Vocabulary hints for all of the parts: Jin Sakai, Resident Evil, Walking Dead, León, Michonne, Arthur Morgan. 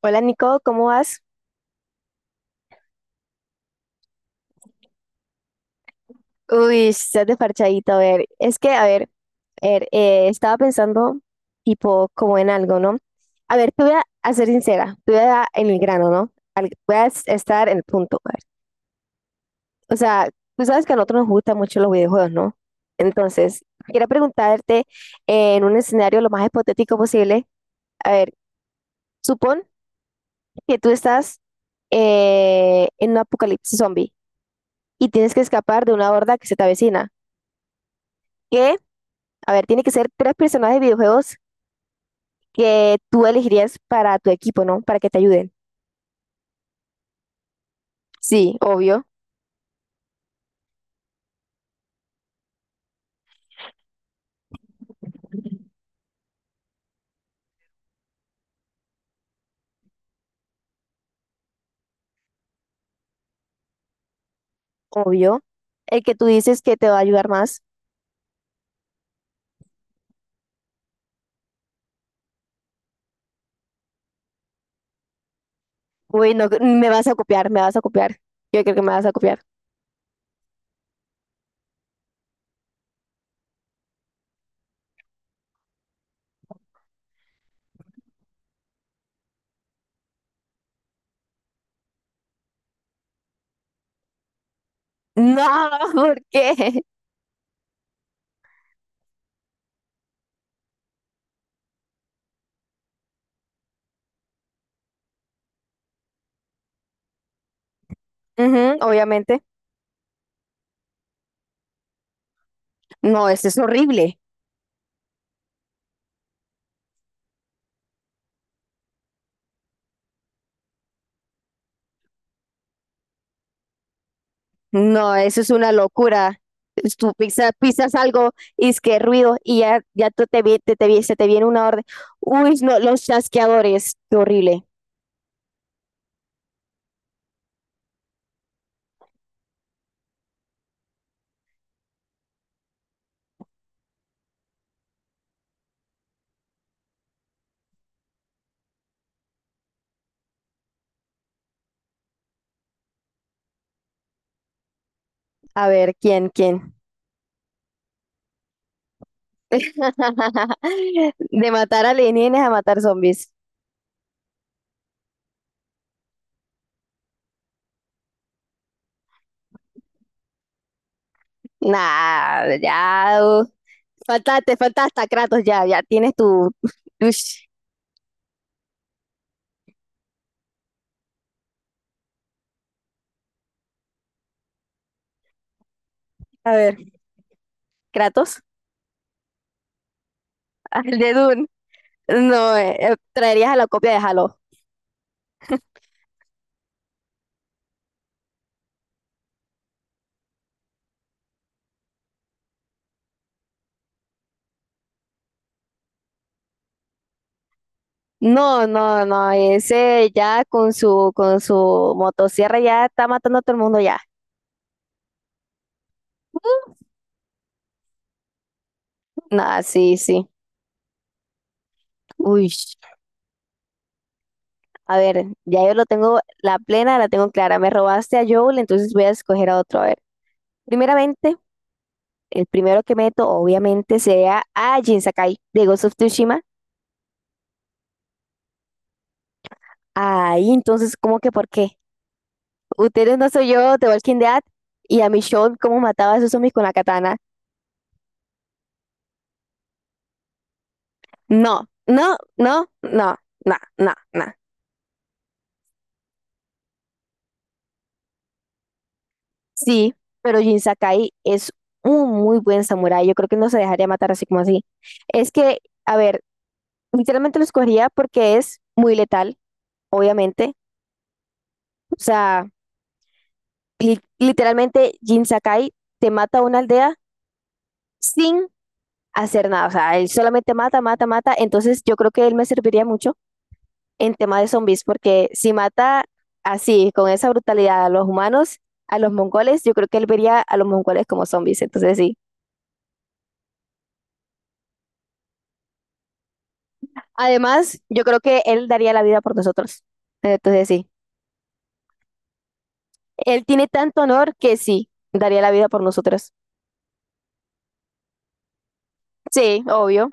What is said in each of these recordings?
Hola, Nico, ¿cómo vas? Uy, estás de parchadito, a ver, es que, estaba pensando tipo como en algo, ¿no? A ver, te voy a ser sincera, te voy a dar en el grano, ¿no? Al- voy a es- estar en el punto, a ver. O sea, tú sabes que a nosotros nos gustan mucho los videojuegos, ¿no? Entonces, quería preguntarte en un escenario lo más hipotético posible, a ver, supón que tú estás en un apocalipsis zombie y tienes que escapar de una horda que se te avecina. ¿Qué? A ver, tiene que ser tres personajes de videojuegos que tú elegirías para tu equipo, ¿no? Para que te ayuden. Sí, obvio, obvio. El que tú dices que te va a ayudar más. Uy, no, me vas a copiar, me vas a copiar. Yo creo que me vas a copiar. No, ¿por qué? Ujú, obviamente. No, eso es horrible. No, eso es una locura. Es tú pisas, pisas algo y es que ruido y ya, ya tú te, vi- te, vi- se te viene una orden. Uy, no, los chasqueadores. Qué horrible. A ver, ¿quién? De matar alienígenas a matar zombies. Nah, ya. Falta, te falta hasta Kratos, ya, ya tienes tu. Ush. A ver, Kratos, el de Dune. No, traerías a la copia de Halo. No, no, no, ese ya con su motosierra ya está matando a todo el mundo ya. Nah, sí, sí. Uy, a ver, ya yo lo tengo, la plena la tengo clara. Me robaste a Joel, entonces voy a escoger a otro. A ver, primeramente. El primero que meto, obviamente, sería a Jin Sakai de Ghost of Tsushima. Ahí, entonces, ¿cómo que por qué? Ustedes no soy yo de Walking Dead y a Michonne, ¿cómo mataba a esos zombies con la katana? No, no, no, no, no, no, no. Sí, pero Jin Sakai es un muy buen samurái. Yo creo que no se dejaría matar así como así. Es que, a ver, literalmente lo escogería porque es muy letal, obviamente. O sea, li- literalmente Jin Sakai te mata a una aldea sin hacer nada. O sea, él solamente mata, mata, mata. Entonces yo creo que él me serviría mucho en tema de zombies, porque si mata así, con esa brutalidad a los humanos, a los mongoles, yo creo que él vería a los mongoles como zombies. Entonces sí. Además, yo creo que él daría la vida por nosotros. Entonces sí. Él tiene tanto honor que sí, daría la vida por nosotros. Sí, obvio.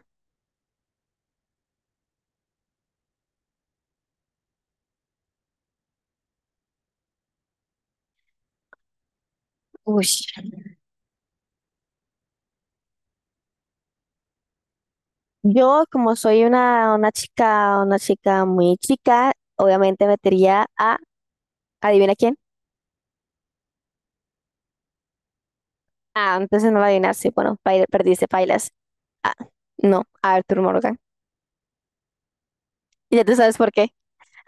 Uy. Yo, como soy una chica, una chica muy chica, obviamente metería a, adivina quién. Ah, entonces no va a adivinar. Sí, bueno, paila- perdiste, pailas. Ah, no, Arthur Morgan. Y ya tú sabes por qué.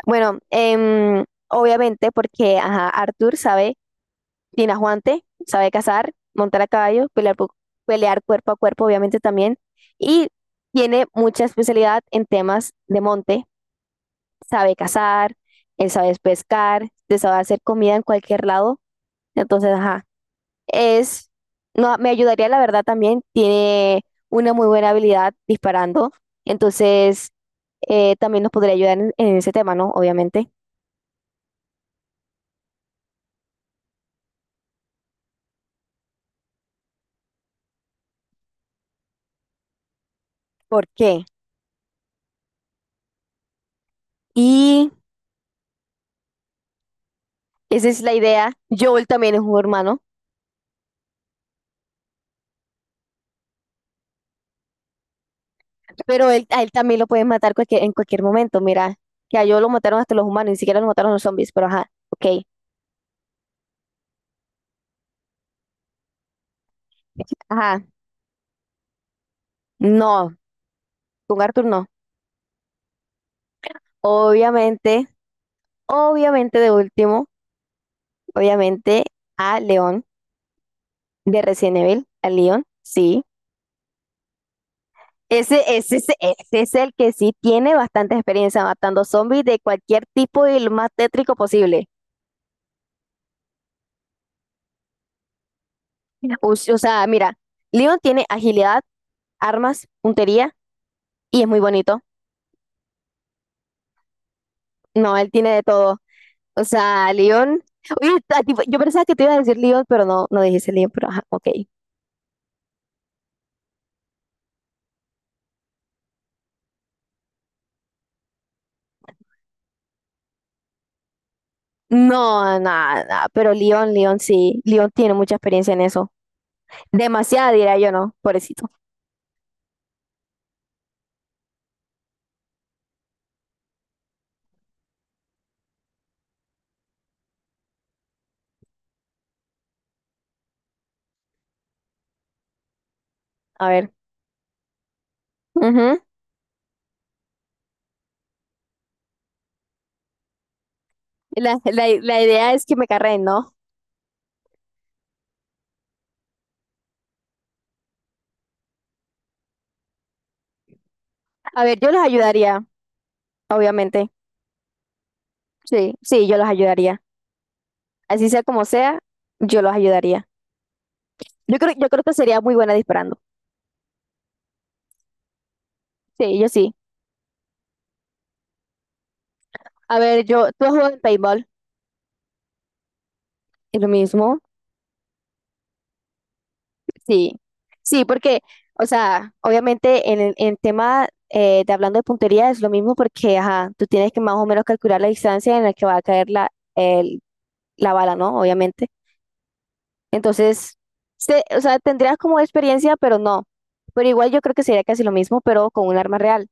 Bueno, obviamente porque, ajá, Arthur sabe, tiene aguante, sabe cazar, montar a caballo, pelear, pu- pelear cuerpo a cuerpo, obviamente también. Y tiene mucha especialidad en temas de monte. Sabe cazar, él sabe pescar, te sabe hacer comida en cualquier lado. Entonces, ajá. Es, no, me ayudaría la verdad también. Tiene una muy buena habilidad disparando. Entonces, también nos podría ayudar en ese tema, ¿no? Obviamente. ¿Por qué? Y esa es la idea. Joel también es un hermano, pero él, a él también lo pueden matar cualquier- en cualquier momento. Mira, que a Joel lo mataron hasta los humanos, ni siquiera lo mataron los zombies, pero ajá, ok. Ajá, no, con Arthur no. Obviamente, obviamente de último, obviamente a León. De Resident Evil, a Leon, sí. Ese es el que sí tiene bastante experiencia matando zombies de cualquier tipo y el más tétrico posible. O sea, mira, Leon tiene agilidad, armas, puntería y es muy bonito. No, él tiene de todo. O sea, Leon. Oye, a ti- yo pensaba que te iba a decir Leon, pero no, no dijiste Leon, pero ajá, ok. No, nada, nada, pero Leon, Leon sí. Leon tiene mucha experiencia en eso. Demasiada, diría yo, no, pobrecito. A ver. Ujú. La idea es que me carreen, ¿no? A ver, yo los ayudaría, obviamente. Sí, sí, yo los ayudaría. Así sea como sea, yo los ayudaría. Yo creo que sería muy buena disparando. Sí, yo sí. A ver, yo, tú has jugado en paintball, es lo mismo. Sí, sí, porque, o sea, obviamente en el en tema de hablando de puntería es lo mismo porque, ajá, tú tienes que más o menos calcular la distancia en la que va a caer la, el- la bala, ¿no? Obviamente. Entonces, se- o sea, tendrías como experiencia, pero no. Pero igual yo creo que sería casi lo mismo, pero con un arma real.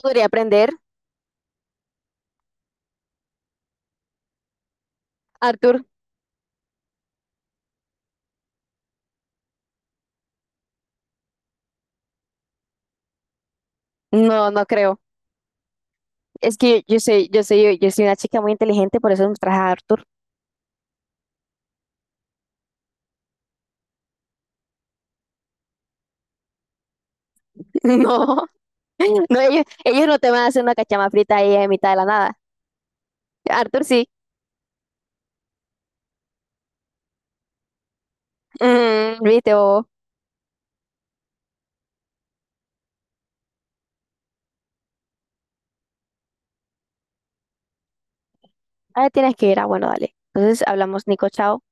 ¿Podría aprender, Arthur? No, no creo. Es que yo, yo soy una chica muy inteligente, por eso me traje a Arthur. No, no, ellos no te van a hacer una cachama frita ahí en mitad de la nada. Arthur sí. Mm, viste, o, ah, tienes que ir, ah, bueno, dale. Entonces hablamos, Nico, chao.